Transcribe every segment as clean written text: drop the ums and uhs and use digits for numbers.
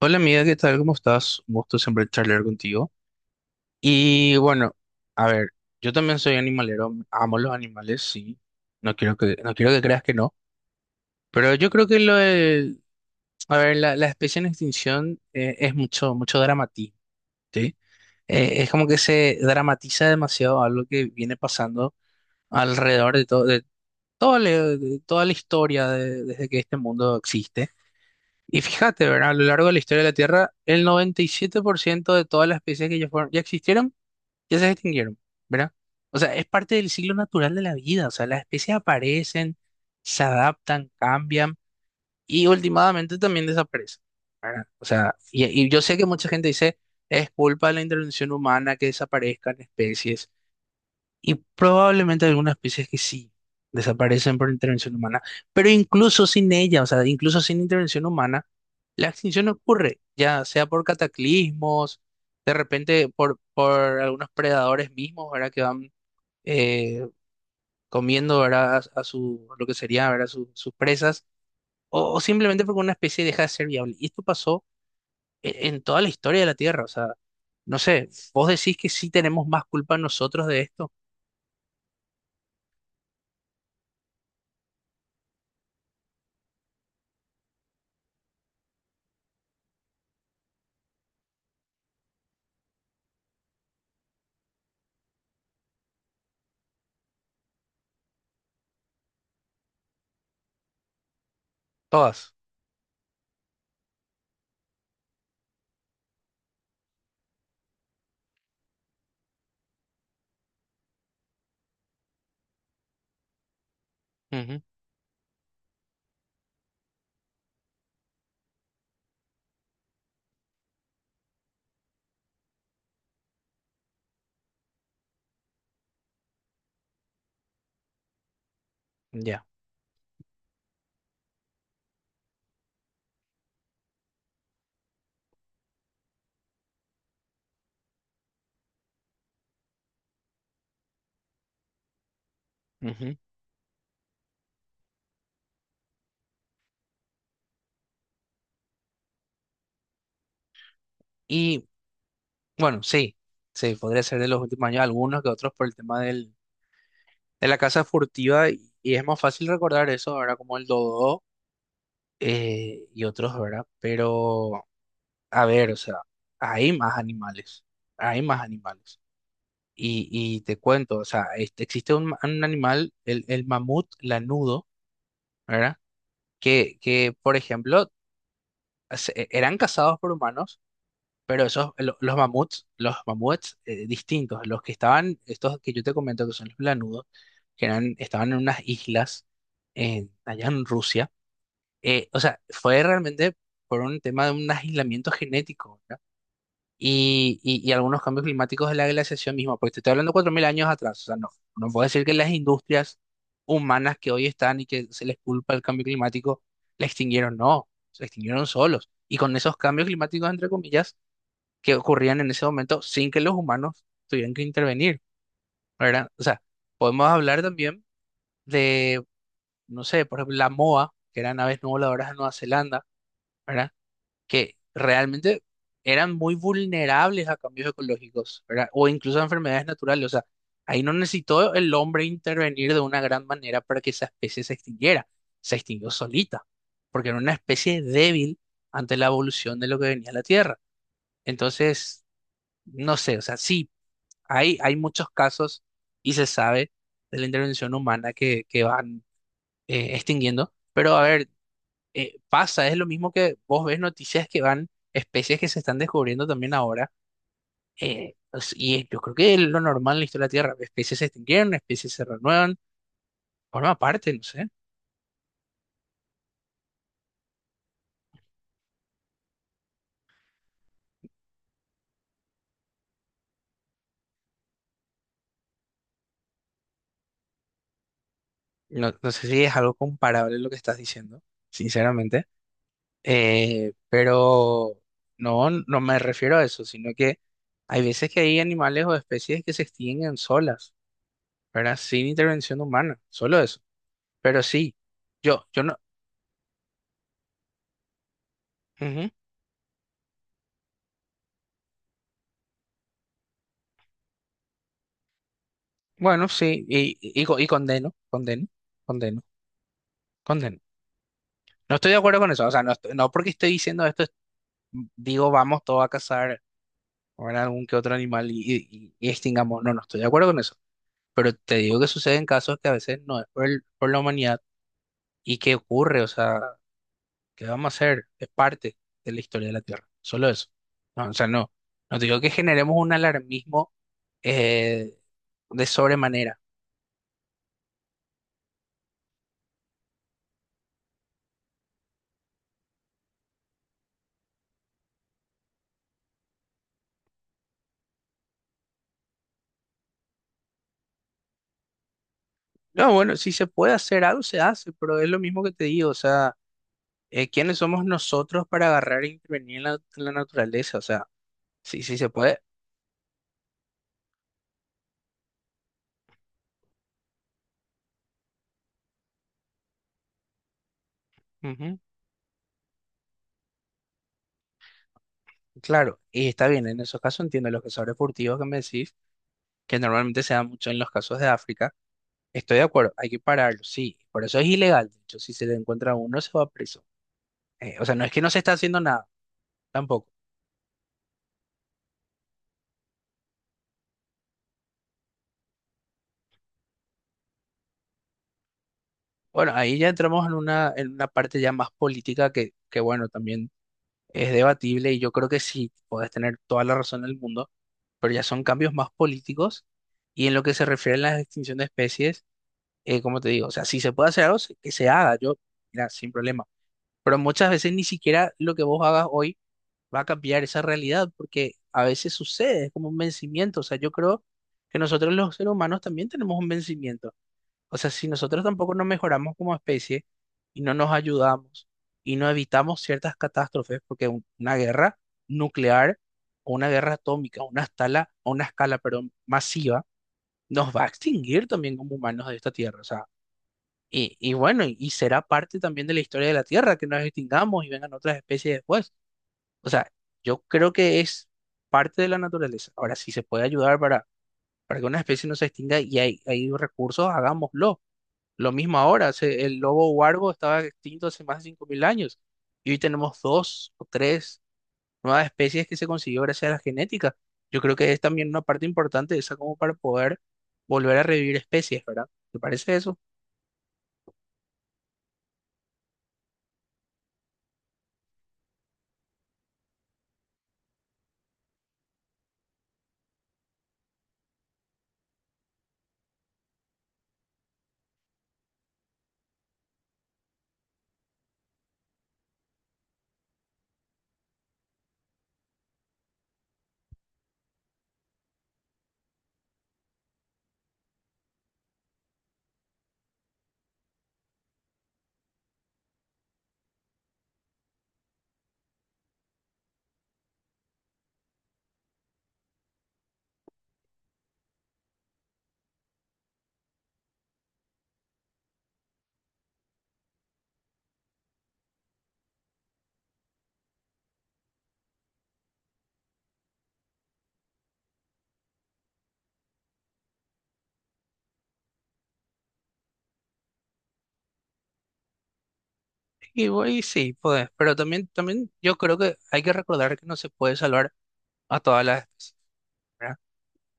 Hola amiga, ¿qué tal? ¿Cómo estás? Un gusto siempre charlar contigo. Y bueno, a ver, yo también soy animalero, amo los animales, sí. No quiero que creas que no. Pero yo creo que lo de, a ver, la especie en extinción es mucho, mucho dramatismo, ¿sí? Es como que se dramatiza demasiado algo que viene pasando alrededor de todo, de todo, de toda la historia desde que este mundo existe. Y fíjate, ¿verdad? A lo largo de la historia de la Tierra, el 97% de todas las especies que ya fueron, ya existieron, ya se extinguieron, ¿verdad? O sea, es parte del ciclo natural de la vida. O sea, las especies aparecen, se adaptan, cambian y últimamente también desaparecen. O sea, y yo sé que mucha gente dice, es culpa de la intervención humana que desaparezcan especies. Y probablemente algunas especies que sí desaparecen por intervención humana, pero incluso sin ella, o sea, incluso sin intervención humana, la extinción ocurre, ya sea por cataclismos, de repente por algunos predadores mismos, ¿verdad? Que van eh, comiendo, ¿verdad? Lo que sería, ¿verdad? Sus presas, o simplemente porque una especie deja de ser viable. Y esto pasó en toda la historia de la Tierra, o sea, no sé, vos decís que sí tenemos más culpa nosotros de esto, todas. Ujú. Ya. Ujú. Y bueno, sí, sí, podría ser de los últimos años, algunos que otros por el tema del, de la casa furtiva, y es más fácil recordar eso, ahora como el dodo y otros, ¿verdad? Pero, a ver, o sea, hay más animales, hay más animales. Y te cuento, o sea, este, existe un, un animal, el mamut lanudo, ¿verdad? Por ejemplo, eran cazados por humanos. Pero esos, los mamuts distintos, los que estaban, estos que yo te comento que son los planudos, que eran, estaban en unas islas allá en Rusia, o sea, fue realmente por un tema de un aislamiento genético, ¿verdad? Y algunos cambios climáticos de la glaciación misma, porque te estoy hablando 4.000 años atrás, o sea, no, no puedo decir que las industrias humanas que hoy están y que se les culpa el cambio climático, la extinguieron, no, se extinguieron solos. Y con esos cambios climáticos, entre comillas, que ocurrían en ese momento sin que los humanos tuvieran que intervenir, ¿verdad? O sea, podemos hablar también de, no sé, por ejemplo, la MOA, que eran aves no voladoras de Nueva Zelanda, ¿verdad? Que realmente eran muy vulnerables a cambios ecológicos, ¿verdad? O incluso a enfermedades naturales. O sea, ahí no necesitó el hombre intervenir de una gran manera para que esa especie se extinguiera. Se extinguió solita, porque era una especie débil ante la evolución de lo que venía a la Tierra. Entonces, no sé, o sea, sí. Hay muchos casos y se sabe de la intervención humana que van extinguiendo, pero a ver, pasa, es lo mismo que vos ves noticias que van, especies que se están descubriendo también ahora, yo creo que es lo normal en la historia de la Tierra, especies se extinguieron, especies se renuevan, forma parte, no sé, no, no sé si es algo comparable lo que estás diciendo, sinceramente, pero no, no me refiero a eso, sino que... Hay veces que hay animales o especies que se extinguen solas. ¿Verdad? Sin intervención humana, solo eso. Pero sí, yo no. Ujú. Bueno, sí, y condeno, condeno, condeno, condeno. No estoy de acuerdo con eso, o sea, no, no porque estoy diciendo esto, digo, vamos todos a cazar, ¿verdad?, algún que otro animal y y extingamos. No, no estoy de acuerdo con eso. Pero te digo que suceden casos que a veces no es por, por la humanidad y que ocurre, o sea, ¿qué vamos a hacer? Es parte de la historia de la Tierra, solo eso. No, o sea, no, no te digo que generemos un alarmismo. eh, de sobremanera. No, bueno, si se puede hacer algo, se hace, pero es lo mismo que te digo, o sea, ¿quiénes somos nosotros para agarrar e intervenir en en la naturaleza? O sea, sí, sí se puede. Ujú. Claro, y está bien, en esos casos entiendo los cazadores furtivos que me decís, que normalmente se da mucho en los casos de África. Estoy de acuerdo, hay que pararlo, sí, por eso es ilegal, de hecho, si se le encuentra a uno se va preso. O sea, no es que no se está haciendo nada, tampoco. Bueno, ahí ya entramos en una parte ya más política que bueno, también es debatible y yo creo que sí, podés tener toda la razón del mundo, pero ya son cambios más políticos y en lo que se refiere a la extinción de especies, como te digo, o sea, si se puede hacer algo, que se haga, yo, mira, sin problema, pero muchas veces ni siquiera lo que vos hagas hoy va a cambiar esa realidad porque a veces sucede, es como un vencimiento, o sea, yo creo que nosotros los seres humanos también tenemos un vencimiento. O sea, si nosotros tampoco nos mejoramos como especie y no nos ayudamos y no evitamos ciertas catástrofes, porque una guerra nuclear o una guerra atómica, una escala, perdón, masiva, nos va a extinguir también como humanos de esta tierra. O sea, y bueno, y será parte también de la historia de la tierra que nos extingamos y vengan otras especies después. O sea, yo creo que es parte de la naturaleza. Ahora, si se puede ayudar para que una especie no se extinga y hay recursos, hagámoslo. Lo mismo ahora, el lobo huargo estaba extinto hace más de 5.000 años y hoy tenemos dos o tres nuevas especies que se consiguió gracias a la genética. Yo creo que es también una parte importante de esa como para poder volver a revivir especies, ¿verdad? ¿Te parece eso? Y, voy sí, pues, pero también, también yo creo que hay que recordar que no se puede salvar a todas las especies, ¿verdad?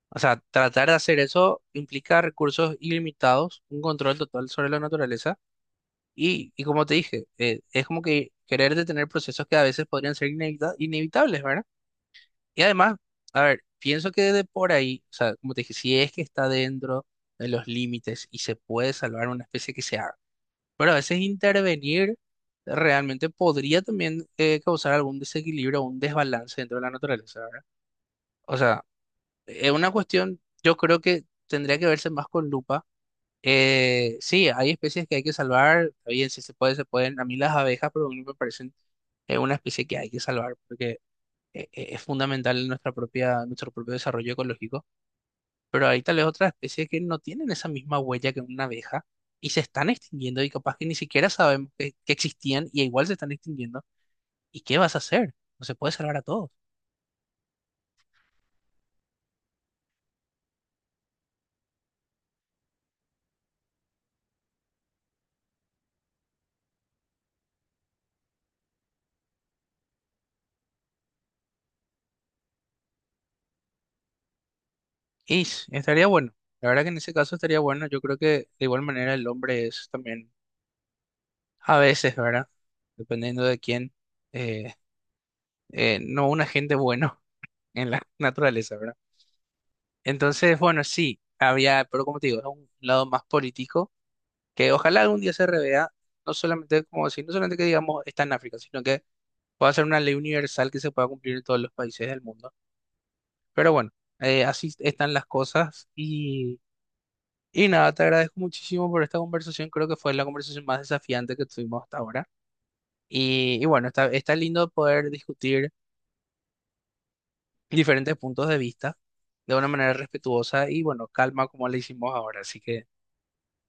O sea, tratar de hacer eso implica recursos ilimitados, un control total sobre la naturaleza. Y como te dije, es como que querer detener procesos que a veces podrían ser inevitables, ¿verdad? Y además, a ver, pienso que de por ahí, o sea, como te dije, si es que está dentro de los límites y se puede salvar una especie que se haga, pero a veces intervenir realmente podría también causar algún desequilibrio o un desbalance dentro de la naturaleza, ¿verdad? O sea, es una cuestión, yo creo que tendría que verse más con lupa. Sí, hay especies que hay que salvar. Está bien, si se puede, se pueden. A mí las abejas, por ejemplo, me parecen una especie que hay que salvar porque es fundamental en nuestra propia, nuestro propio desarrollo ecológico. Pero hay tal vez otras especies que no tienen esa misma huella que una abeja y se están extinguiendo y capaz que ni siquiera sabemos que existían y igual se están extinguiendo. ¿Y qué vas a hacer? No se puede salvar a todos. Y estaría bueno. La verdad que en ese caso estaría bueno. Yo creo que de igual manera el hombre es también a veces, ¿verdad? Dependiendo de quién, eh, no un agente bueno en la naturaleza, ¿verdad? Entonces, bueno, sí, había, pero como te digo, es un lado más político que ojalá algún día se revea, no solamente, como decir, no solamente que digamos está en África, sino que pueda ser una ley universal que se pueda cumplir en todos los países del mundo. Pero bueno, así están las cosas y nada, te agradezco muchísimo por esta conversación, creo que fue la conversación más desafiante que tuvimos hasta ahora. Y bueno, está, está lindo poder discutir diferentes puntos de vista de una manera respetuosa y bueno, calma como le hicimos ahora. Así que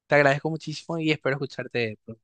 te agradezco muchísimo y espero escucharte pronto.